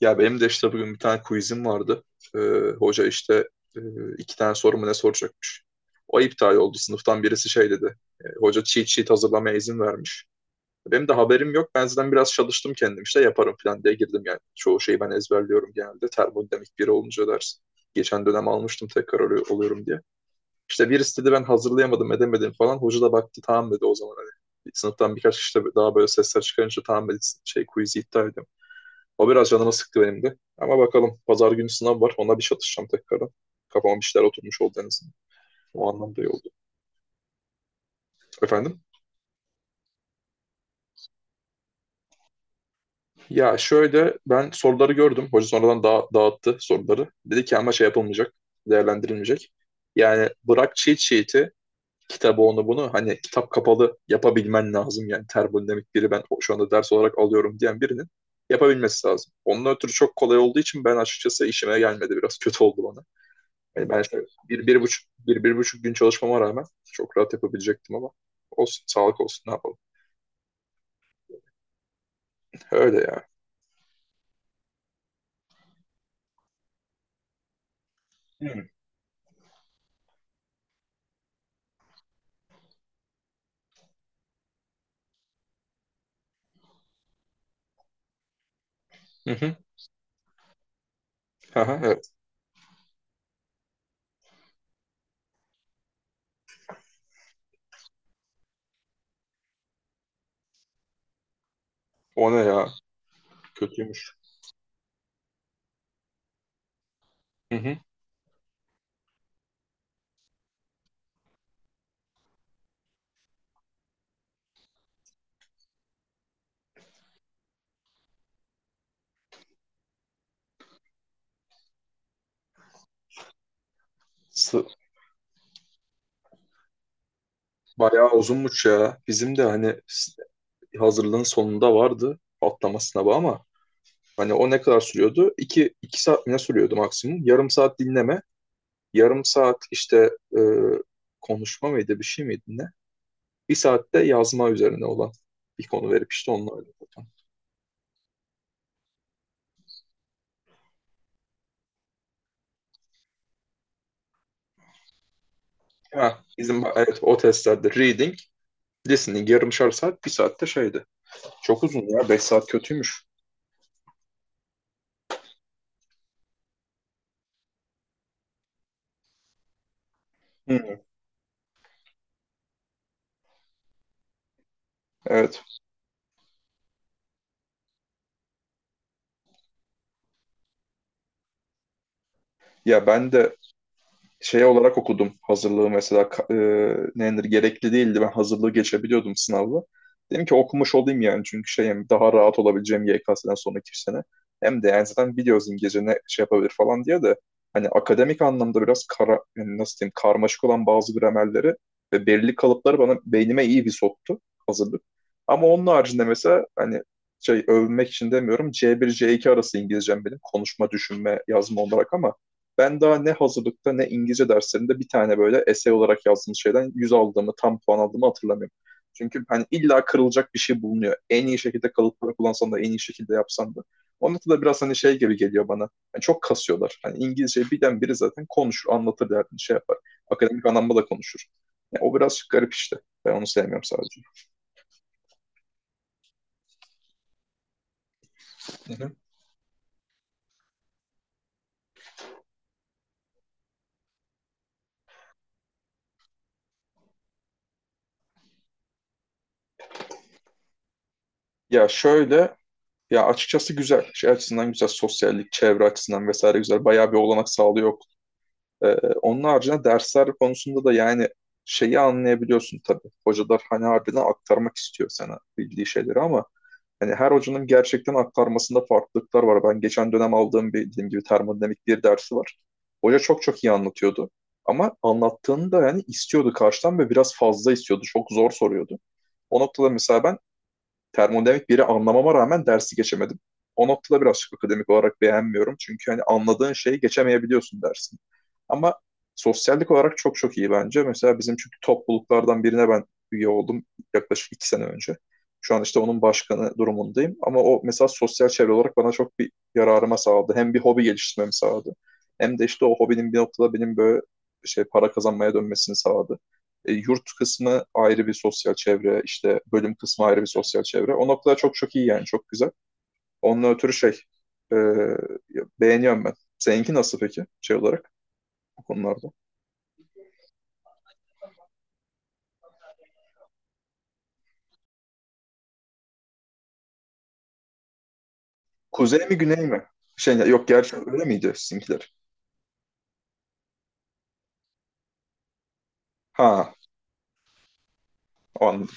Ya benim de işte bugün bir tane quizim vardı. Ee, Hoca işte e, iki tane sorumu ne soracakmış. O iptal oldu. Sınıftan birisi şey dedi. Hoca cheat sheet hazırlamaya izin vermiş. Benim de haberim yok. Ben zaten biraz çalıştım, kendim işte yaparım falan diye girdim yani. Çoğu şeyi ben ezberliyorum genelde. Termodinamik biri olunca ders. Geçen dönem almıştım, tekrar oluyorum diye. İşte birisi dedi ben hazırlayamadım edemedim falan. Hoca da baktı, tamam dedi o zaman hani. Sınıftan birkaç kişi de daha böyle sesler çıkarınca tamam dedi, şey quiz'i iptal edin, o biraz canımı sıktı benim de. Ama bakalım, pazar günü sınav var. Ona bir çatışacağım tekrardan. Kafama bir şeyler oturmuş oldu en azından. O anlamda iyi oldu. Efendim? Ya şöyle, ben soruları gördüm. Hoca sonradan da dağıttı soruları. Dedi ki ama şey yapılmayacak. Değerlendirilmeyecek. Yani bırak cheat sheet'i, kitabı, onu bunu, hani kitap kapalı yapabilmen lazım. Yani termodinamik biri ben şu anda ders olarak alıyorum diyen birinin yapabilmesi lazım. Onun ötürü çok kolay olduğu için ben açıkçası işime gelmedi. Biraz kötü oldu bana. Yani ben şöyle bir, bir buçuk, bir, bir buçuk gün çalışmama rağmen çok rahat yapabilecektim ama olsun, sağlık olsun, ne yapalım. Öyle ya. Hı hı. Aha, evet. O ne ya? Kötüymüş. Hı hı. Sı- Bayağı uzunmuş ya. Bizim de hani hazırlığın sonunda vardı atlama sınavı ama hani o ne kadar sürüyordu? İki, iki saat mi ne sürüyordu maksimum? Yarım saat dinleme. Yarım saat işte e, konuşma mıydı, bir şey miydi ne? Bir saatte yazma üzerine olan bir konu verip işte onunla öyle. Ha, bizim evet o testlerde reading, listening yarımşar saat, bir saatte şeydi. Çok uzun ya. Beş saat kötüymüş. Hı, evet. Ya ben de şey olarak okudum hazırlığı mesela, nedir, gerekli değildi, ben hazırlığı geçebiliyordum sınavla. Dedim ki okumuş olayım yani, çünkü şey, hem daha rahat olabileceğim YKS'den sonraki sene, hem de yani zaten biliyoruz İngilizce ne şey yapabilir falan diye de, hani akademik anlamda biraz kara, yani nasıl diyeyim, karmaşık olan bazı gramerleri ve belirli kalıpları bana, beynime iyi bir soktu hazırlık. Ama onun haricinde mesela hani, şey övmek için demiyorum, C1 C2 arası İngilizcem benim, konuşma, düşünme, yazma olarak, ama ben daha ne hazırlıkta ne İngilizce derslerinde bir tane böyle essay olarak yazdığım şeyden 100 aldığımı, tam puan aldığımı hatırlamıyorum. Çünkü hani illa kırılacak bir şey bulunuyor. En iyi şekilde kalıpları kullansan da, en iyi şekilde yapsan da. Onun da biraz hani şey gibi geliyor bana. Yani çok kasıyorlar. Hani İngilizceyi bilen biri zaten konuşur, anlatır derdini, şey yapar. Akademik anlamda da konuşur. Yani o biraz garip işte. Ben onu sevmiyorum sadece. Hı hı. Ya şöyle, ya açıkçası güzel. Şey açısından güzel, sosyallik, çevre açısından vesaire güzel. Bayağı bir olanak sağlıyor. Ee, Onun haricinde dersler konusunda da yani, şeyi anlayabiliyorsun tabii. Hocalar hani harbiden aktarmak istiyor sana bildiği şeyleri ama hani her hocanın gerçekten aktarmasında farklılıklar var. Ben geçen dönem aldığım bir dediğim gibi termodinamik bir dersi var. Hoca çok çok iyi anlatıyordu. Ama anlattığını da yani istiyordu karşıdan ve biraz fazla istiyordu. Çok zor soruyordu. O noktada mesela ben termodinamik biri anlamama rağmen dersi geçemedim. O noktada birazcık akademik olarak beğenmiyorum. Çünkü hani anladığın şeyi geçemeyebiliyorsun dersin. Ama sosyallik olarak çok çok iyi bence. Mesela bizim çünkü, topluluklardan birine ben üye oldum yaklaşık iki sene önce. Şu an işte onun başkanı durumundayım. Ama o mesela sosyal çevre olarak bana çok bir yararıma sağladı. Hem bir hobi geliştirmemi sağladı. Hem de işte o hobinin bir noktada benim böyle şey, para kazanmaya dönmesini sağladı. Yurt kısmı ayrı bir sosyal çevre, işte bölüm kısmı ayrı bir sosyal çevre. O noktalar çok çok iyi yani, çok güzel. Onunla ötürü şey, e, beğeniyorum ben. Seninki nasıl peki, şey olarak bu konularda? Kuzey mi, güney mi? Şey yok gerçi, öyle miydi sizinkiler? Ha, o anladım.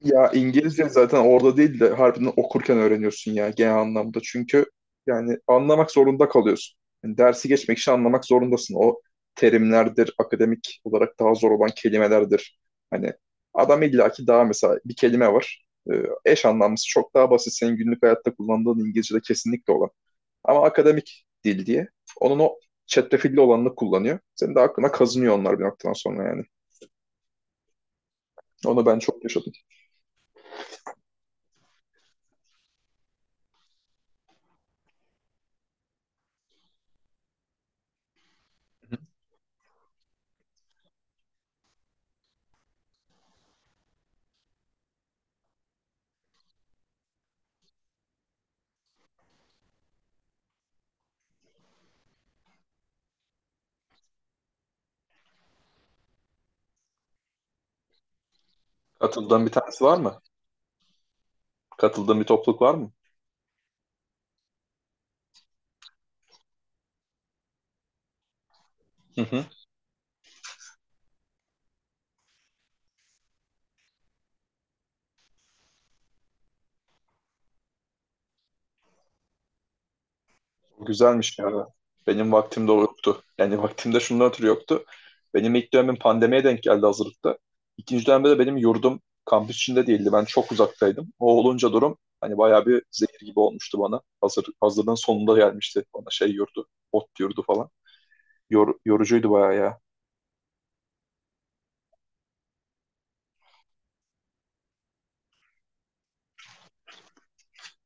Ya İngilizce zaten orada değil de harbiden okurken öğreniyorsun ya, genel anlamda. Çünkü yani anlamak zorunda kalıyorsun. Yani dersi geçmek için anlamak zorundasın. O terimlerdir, akademik olarak daha zor olan kelimelerdir. Hani adam illaki daha mesela bir kelime var. Eş anlamlısı çok daha basit, senin günlük hayatta kullandığın İngilizce'de kesinlikle olan. Ama akademik dil diye onun o çetrefilli olanını kullanıyor. Senin de aklına kazınıyor onlar bir noktadan sonra yani. Onu ben çok yaşadım. Hı hı. Katıldığın bir tanesi var mı? Katıldığın bir topluluk var mı? Hı hı. Güzelmiş ya. Benim vaktimde yoktu. Yani vaktimde şundan ötürü yoktu. Benim ilk dönemim pandemiye denk geldi hazırlıkta. İkinci dönemde de benim yurdum kampüs içinde değildi. Ben çok uzaktaydım. O olunca durum hani bayağı bir zehir gibi olmuştu bana. Hazırlığın sonunda gelmişti bana şey yurdu. Ot yurdu falan. Yorucuydu bayağı ya.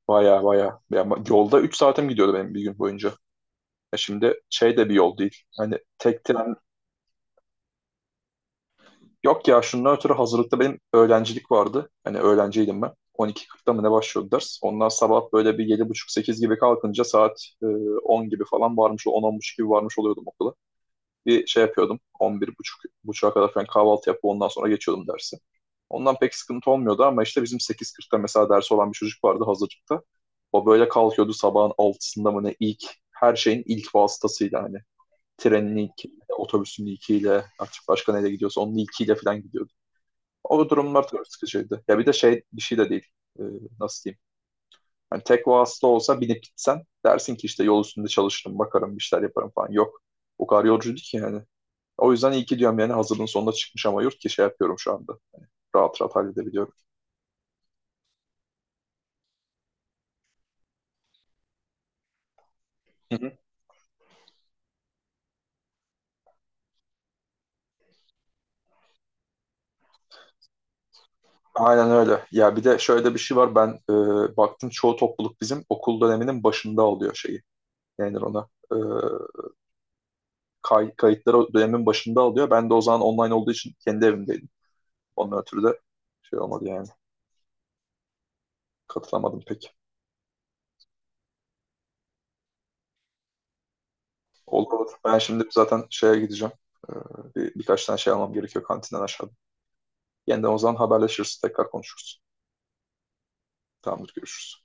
Bayağı bayağı. Ya, yolda 3 saatim gidiyordu benim bir gün boyunca. Ya şimdi şey de bir yol değil. Hani tek tren. Yok ya, şundan ötürü hazırlıkta benim öğrencilik vardı. Hani öğrenciydim ben. 12:40'da mı ne başlıyordu ders. Ondan sabah böyle bir yedi buçuk sekiz gibi kalkınca saat 10 gibi falan varmış, on 10:30 gibi varmış oluyordum okula. Bir şey yapıyordum, 11:30'a kadar falan kahvaltı yapıp ondan sonra geçiyordum dersi. Ondan pek sıkıntı olmuyordu ama işte bizim 8:40'da mesela dersi olan bir çocuk vardı hazırlıkta. O böyle kalkıyordu sabahın altısında mı ne, ilk, her şeyin ilk vasıtasıyla hani. Trenin ilk, otobüsün ilkiyle, artık başka neyle gidiyorsa onun ilkiyle falan gidiyordu. O durumlar çok sıkıcıydı. Ya bir de şey, bir şey de değil. Ee, Nasıl diyeyim? Hani tek vasıta olsa binip gitsen dersin ki işte yol üstünde çalışırım, bakarım, bir şeyler yaparım falan. Yok. O kadar yolcuydu ki yani. O yüzden iyi ki diyorum yani hazırlığın sonunda çıkmış ama yurt, ki şey yapıyorum şu anda. Rahat rahat halledebiliyorum. Hı hı. Aynen öyle. Ya bir de şöyle bir şey var. Ben baktım, çoğu topluluk bizim okul döneminin başında alıyor şeyi. Yani ona. Kayıtları dönemin başında alıyor. Ben de o zaman online olduğu için kendi evimdeydim. Ondan ötürü de şey olmadı yani. Katılamadım pek. Olur olur. Ben şimdi zaten şeye gideceğim. Ee, Birkaç tane şey almam gerekiyor kantinden aşağıda. Yeniden o zaman haberleşiriz. Tekrar konuşuruz. Tamamdır. Görüşürüz.